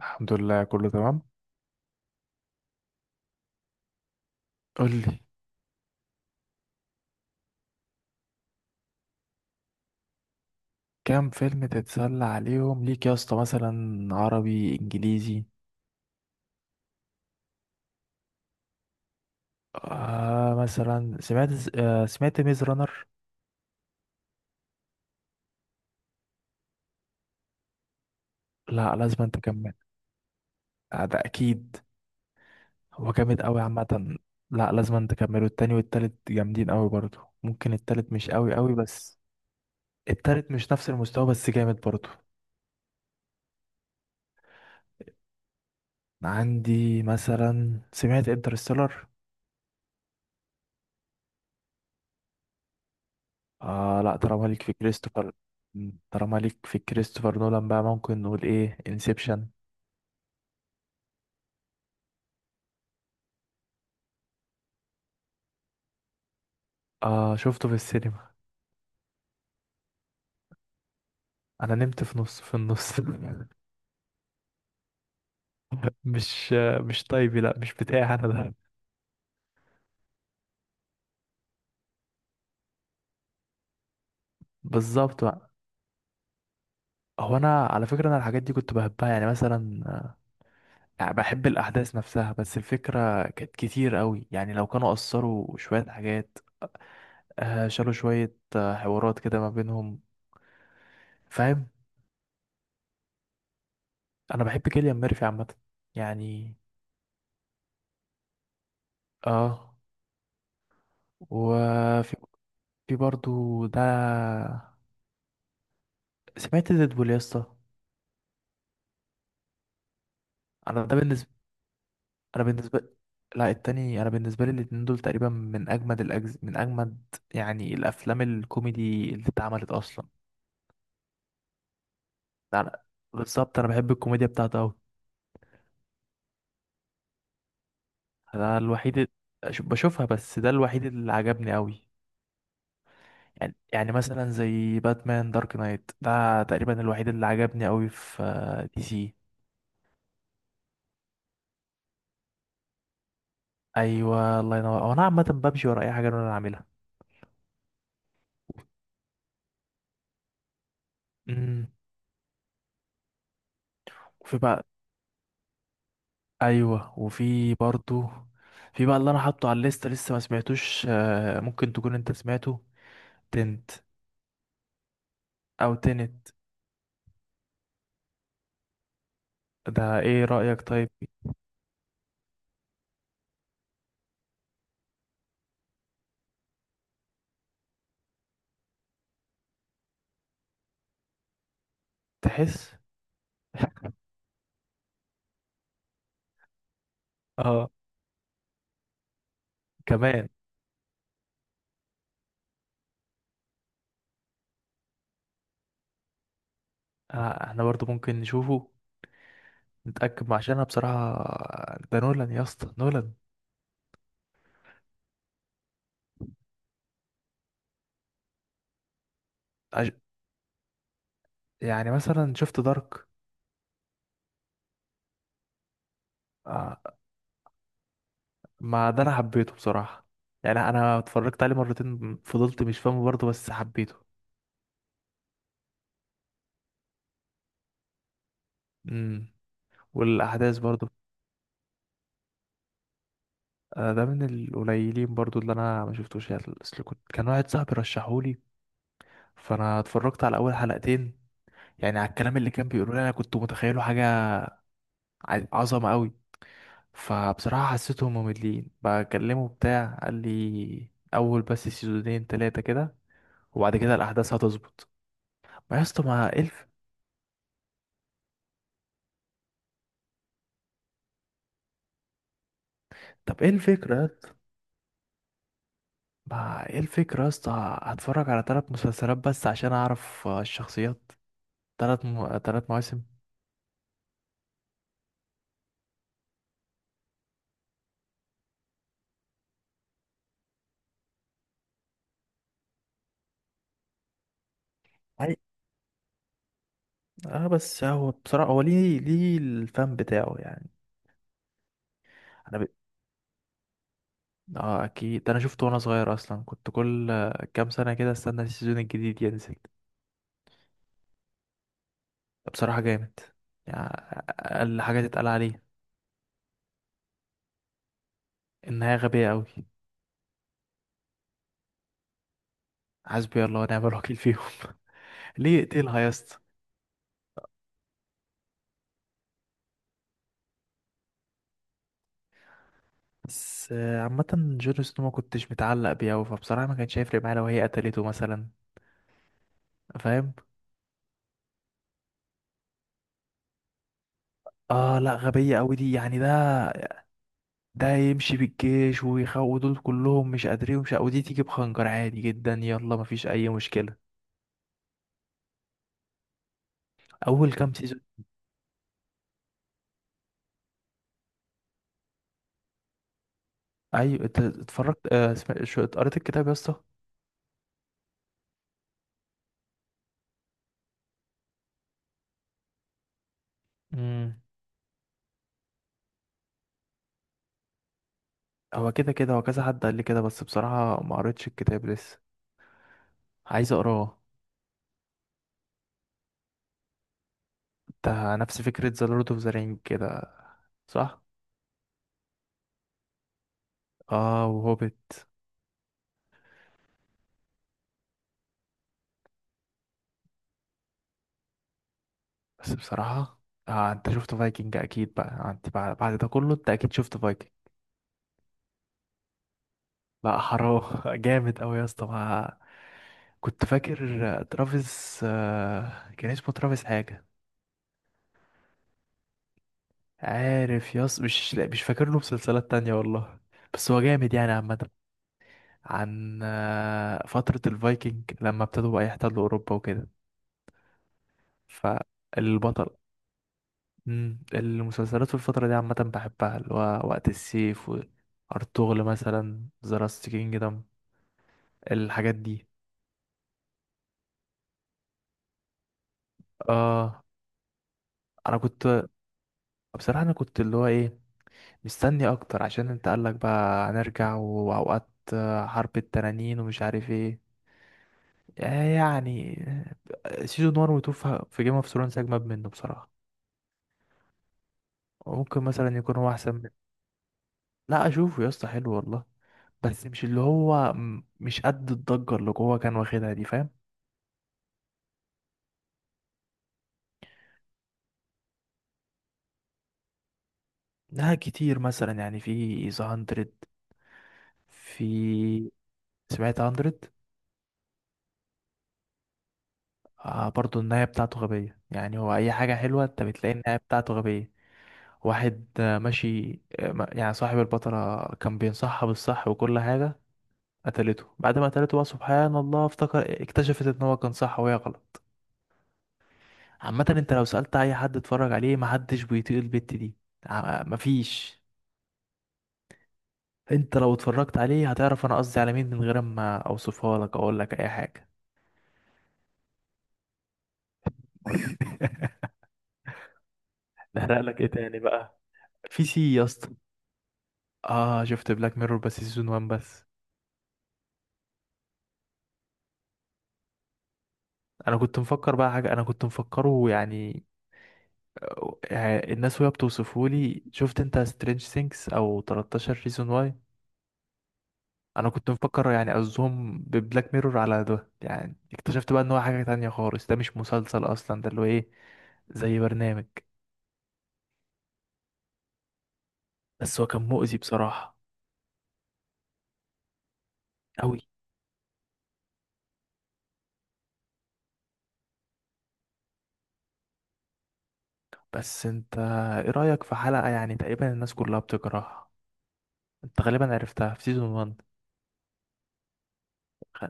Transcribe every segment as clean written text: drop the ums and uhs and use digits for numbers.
الحمد لله، كله تمام. قول لي. كام فيلم تتسلى عليهم ليك يا اسطى؟ مثلا عربي، انجليزي؟ آه، مثلا سمعت ميز رانر. لا، لازم انت تكمل. آه، ده اكيد. هو جامد قوي عامه. لا، لازم انت تكمله. التاني والتالت جامدين قوي برضو. ممكن التالت مش قوي قوي بس. التالت مش نفس المستوى بس جامد برضو. عندي مثلا سمعت انترستيلر. آه، لا، طالما ليك في كريستوفر. طالما ليك في كريستوفر نولان بقى، ممكن نقول ايه؟ انسبشن. آه، شفته في السينما. انا نمت في النص. مش مش طيبي. لا، مش بتاعي انا ده. بالظبط بقى. هو انا على فكره، انا الحاجات دي كنت بحبها، يعني مثلا. يعني بحب الاحداث نفسها، بس الفكره كانت كتير قوي. يعني لو كانوا قصروا شويه حاجات، آه، شالوا شويه حوارات كده ما بينهم. فاهم. انا بحب كيليان ميرفي عامه، يعني. اه، وفي في برضو ده. سمعت ديدبول يا اسطى؟ انا ده بالنسبه، انا بالنسبه، لا التاني، انا بالنسبه لي الاتنين دول تقريبا من من اجمد، يعني الافلام الكوميدي اللي اتعملت اصلا. ده أنا... بالظبط، انا بحب الكوميديا بتاعته قوي. ده الوحيد ال- أش- بشوفها بس ده الوحيد اللي عجبني قوي. يعني مثلا زي باتمان دارك نايت، ده تقريبا الوحيد اللي عجبني قوي في آه، دي سي. ايوه، الله ينور. هو انا عامه بمشي ورا اي حاجه انا عاملها. امم. وفي بقى، ايوه، وفي برضو. في بقى اللي انا حاطه على الليسته لسه ما سمعتوش، آه، ممكن تكون انت سمعته. تنت، او تنت. ده ايه رأيك طيب؟ تحس. اه، كمان. آه، احنا برضو ممكن نشوفه نتأكد، عشان انا بصراحة ده نولان يا اسطى، نولان. عج- يعني مثلا شفت دارك؟ آه، ما ده انا حبيته بصراحة. يعني انا اتفرجت عليه مرتين، فضلت مش فاهمه برضه، بس حبيته. امم. والاحداث برضه. آه، ده من القليلين برضو اللي انا ما شفتوش. يعني اصل كان واحد صاحبي رشحولي، فانا اتفرجت على اول حلقتين. يعني على الكلام اللي كان بيقولوا لي، انا كنت متخيله حاجه عظمه قوي. فبصراحه حسيتهم مملين بكلمه بتاع، قال لي اول بس سيزونين تلاتة كده وبعد كده الاحداث هتظبط. ما يا اسطى ما ايه الف... طب ايه الفكره يا اسطى؟ ما ايه الفكره يا اسطى، هتفرج على ثلاث مسلسلات بس عشان اعرف آه، الشخصيات؟ ثلاث مواسم؟ اه، بس هو بصراحة، هو ليه الفن بتاعه يعني. انا ب... اه، اكيد، ده انا شفته وانا صغير اصلا. كنت كل كام سنة كده استنى السيزون الجديد ينزل. بصراحة جامد، يعني. اقل حاجة تتقال عليه انها غبية قوي. حسبي الله ونعم الوكيل فيهم. ليه يقتلها يا اسطى؟ بس آه، عامة جون سنو ما كنتش متعلق بيه أوي، فبصراحة ما كانش هيفرق معايا لو هي قتلته مثلا. فاهم؟ اه، لا غبية قوي دي يعني. ده ده يمشي بالجيش ويخو دول كلهم مش قادرين، ومش ودي تيجي بخنجر عادي جدا يلا مفيش اي مشكله. اول كام سيزون، ايوه أنت اتفرجت؟ آه، قريت الكتاب يا اسطى؟ امم. هو كده كده، هو كذا حد قال لي كده، بس بصراحه ما قريتش الكتاب لسه، عايز اقراه. ده نفس فكره ذا لورد اوف ذا رينج كده، صح؟ اه، وهوبيت. بس بصراحه، آه، انت شفت فايكنج اكيد بقى؟ انت بعد ده كله انت اكيد شفت فايكنج. لا حرام، جامد أوي يا اسطى، كنت فاكر ترافيس، آه، كان اسمه ترافيس حاجة. عارف يا اسطى؟ مش فاكر له مسلسلات تانية والله. بس هو جامد يعني عامة. عن آه، فترة الفايكنج لما ابتدوا بقى يحتلوا أوروبا وكده. فالبطل. المسلسلات في الفترة دي عامة بحبها، اللي هو وقت السيف. وأرطغرل مثلا، ذا لاست كينجدم، الحاجات دي. اه، انا كنت، بصراحة انا كنت اللي هو ايه، مستني اكتر عشان انت قالك بقى هنرجع واوقات حرب التنانين ومش عارف ايه. يعني سيزون 1 و 2 في جيم اوف ثرونز اجمد منه بصراحه، وممكن مثلا يكون هو احسن منه. لا، اشوفه يا اسطى، حلو والله. بس مش اللي هو مش قد الضجه اللي جوه كان واخدها دي. فاهم؟ لا، كتير مثلا، يعني في ذا 100. في، سمعت 100؟ آه، برضو النهايه بتاعته غبيه. يعني هو اي حاجه حلوه انت بتلاقي النهايه بتاعته غبيه. واحد آه، ماشي آه، يعني صاحب البطلة كان بينصحها بالصح وكل حاجة، قتلته. بعد ما قتلته بقى، سبحان الله، افتكر اكتشفت ان هو كان صح وهي غلط. عامة انت لو سألت اي حد اتفرج عليه محدش بيطيق البت دي. مفيش، انت لو اتفرجت عليه هتعرف انا قصدي على مين من غير ما اوصفها لك، اقول لك اي حاجة. نحرق لك ايه تاني بقى؟ في سي يا اسطى؟ اه، شفت بلاك ميرور بس سيزون 1 بس. انا كنت مفكر بقى حاجة، انا كنت مفكره يعني. آه، الناس وهي بتوصفه لي، شفت انت سترينج سينكس او 13 ريزون واي؟ انا كنت مفكر يعني قصدهم ببلاك ميرور على ده، يعني اكتشفت بقى ان هو حاجة تانية خالص، ده مش مسلسل اصلا، ده اللي هو ايه، زي برنامج. بس هو كان مؤذي بصراحة، قوي. بس انت، ايه رأيك في حلقة يعني تقريبا الناس كلها بتكرهها؟ انت غالبا عرفتها في سيزون 1، خ-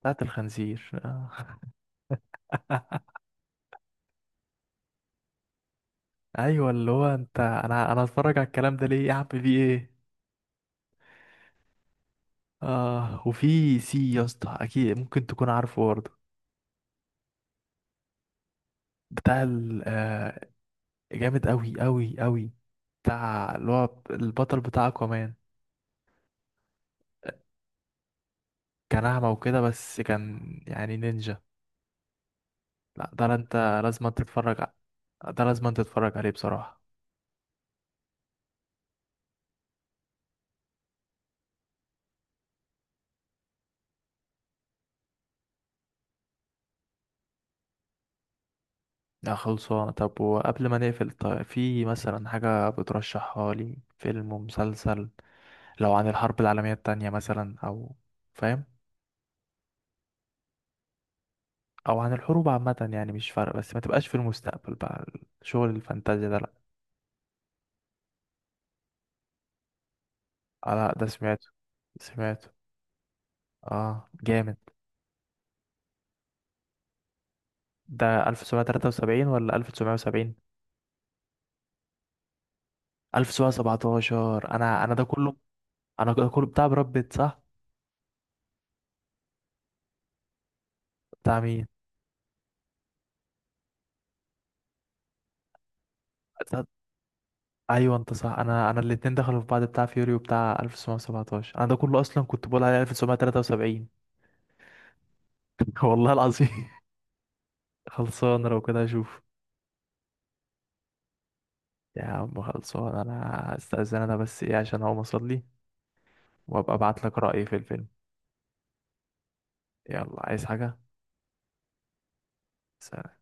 بتاعت الخنزير. ايوه، اللي هو انت انا هتفرج على الكلام ده ليه يا عم؟ في ايه؟ اه، وفي سي يا اسطى، اكيد ممكن تكون عارفه برضه. بتاع ال آه، جامد قوي قوي قوي. بتاع اللي هو البطل بتاع اكوامان. كان اعمى وكده بس كان يعني نينجا. لا ده، لا انت لازم تتفرج ع- ده لازم تتفرج عليه بصراحة. لا، خلصانه. طب وقبل ما نقفل، طيب في مثلا حاجة بترشحها لي، فيلم ومسلسل، لو عن الحرب العالمية التانية مثلا، او، فاهم، او عن الحروب عامة يعني. مش فارقة بس ما تبقاش في المستقبل بقى، شغل الفانتازيا ده لا. آه، لا ده سمعته، سمعته. اه، جامد. ده 1973 ولا 1970؟ 1917 انا، ده كله. انا ده كله بتاع براد بيت، صح؟ بتاع مين؟ بتاع- ايوه انت صح. انا الاتنين دخلوا في بعض، بتاع فيوري وبتاع 1917. انا ده كله اصلا كنت بقول عليه 1973. والله العظيم. خلصان، لو كده اشوف. يا عم خلصان، انا استاذن انا بس ايه عشان اقوم اصلي، وابقى ابعت لك رأيي في الفيلم. يلا، عايز حاجة؟ سلام.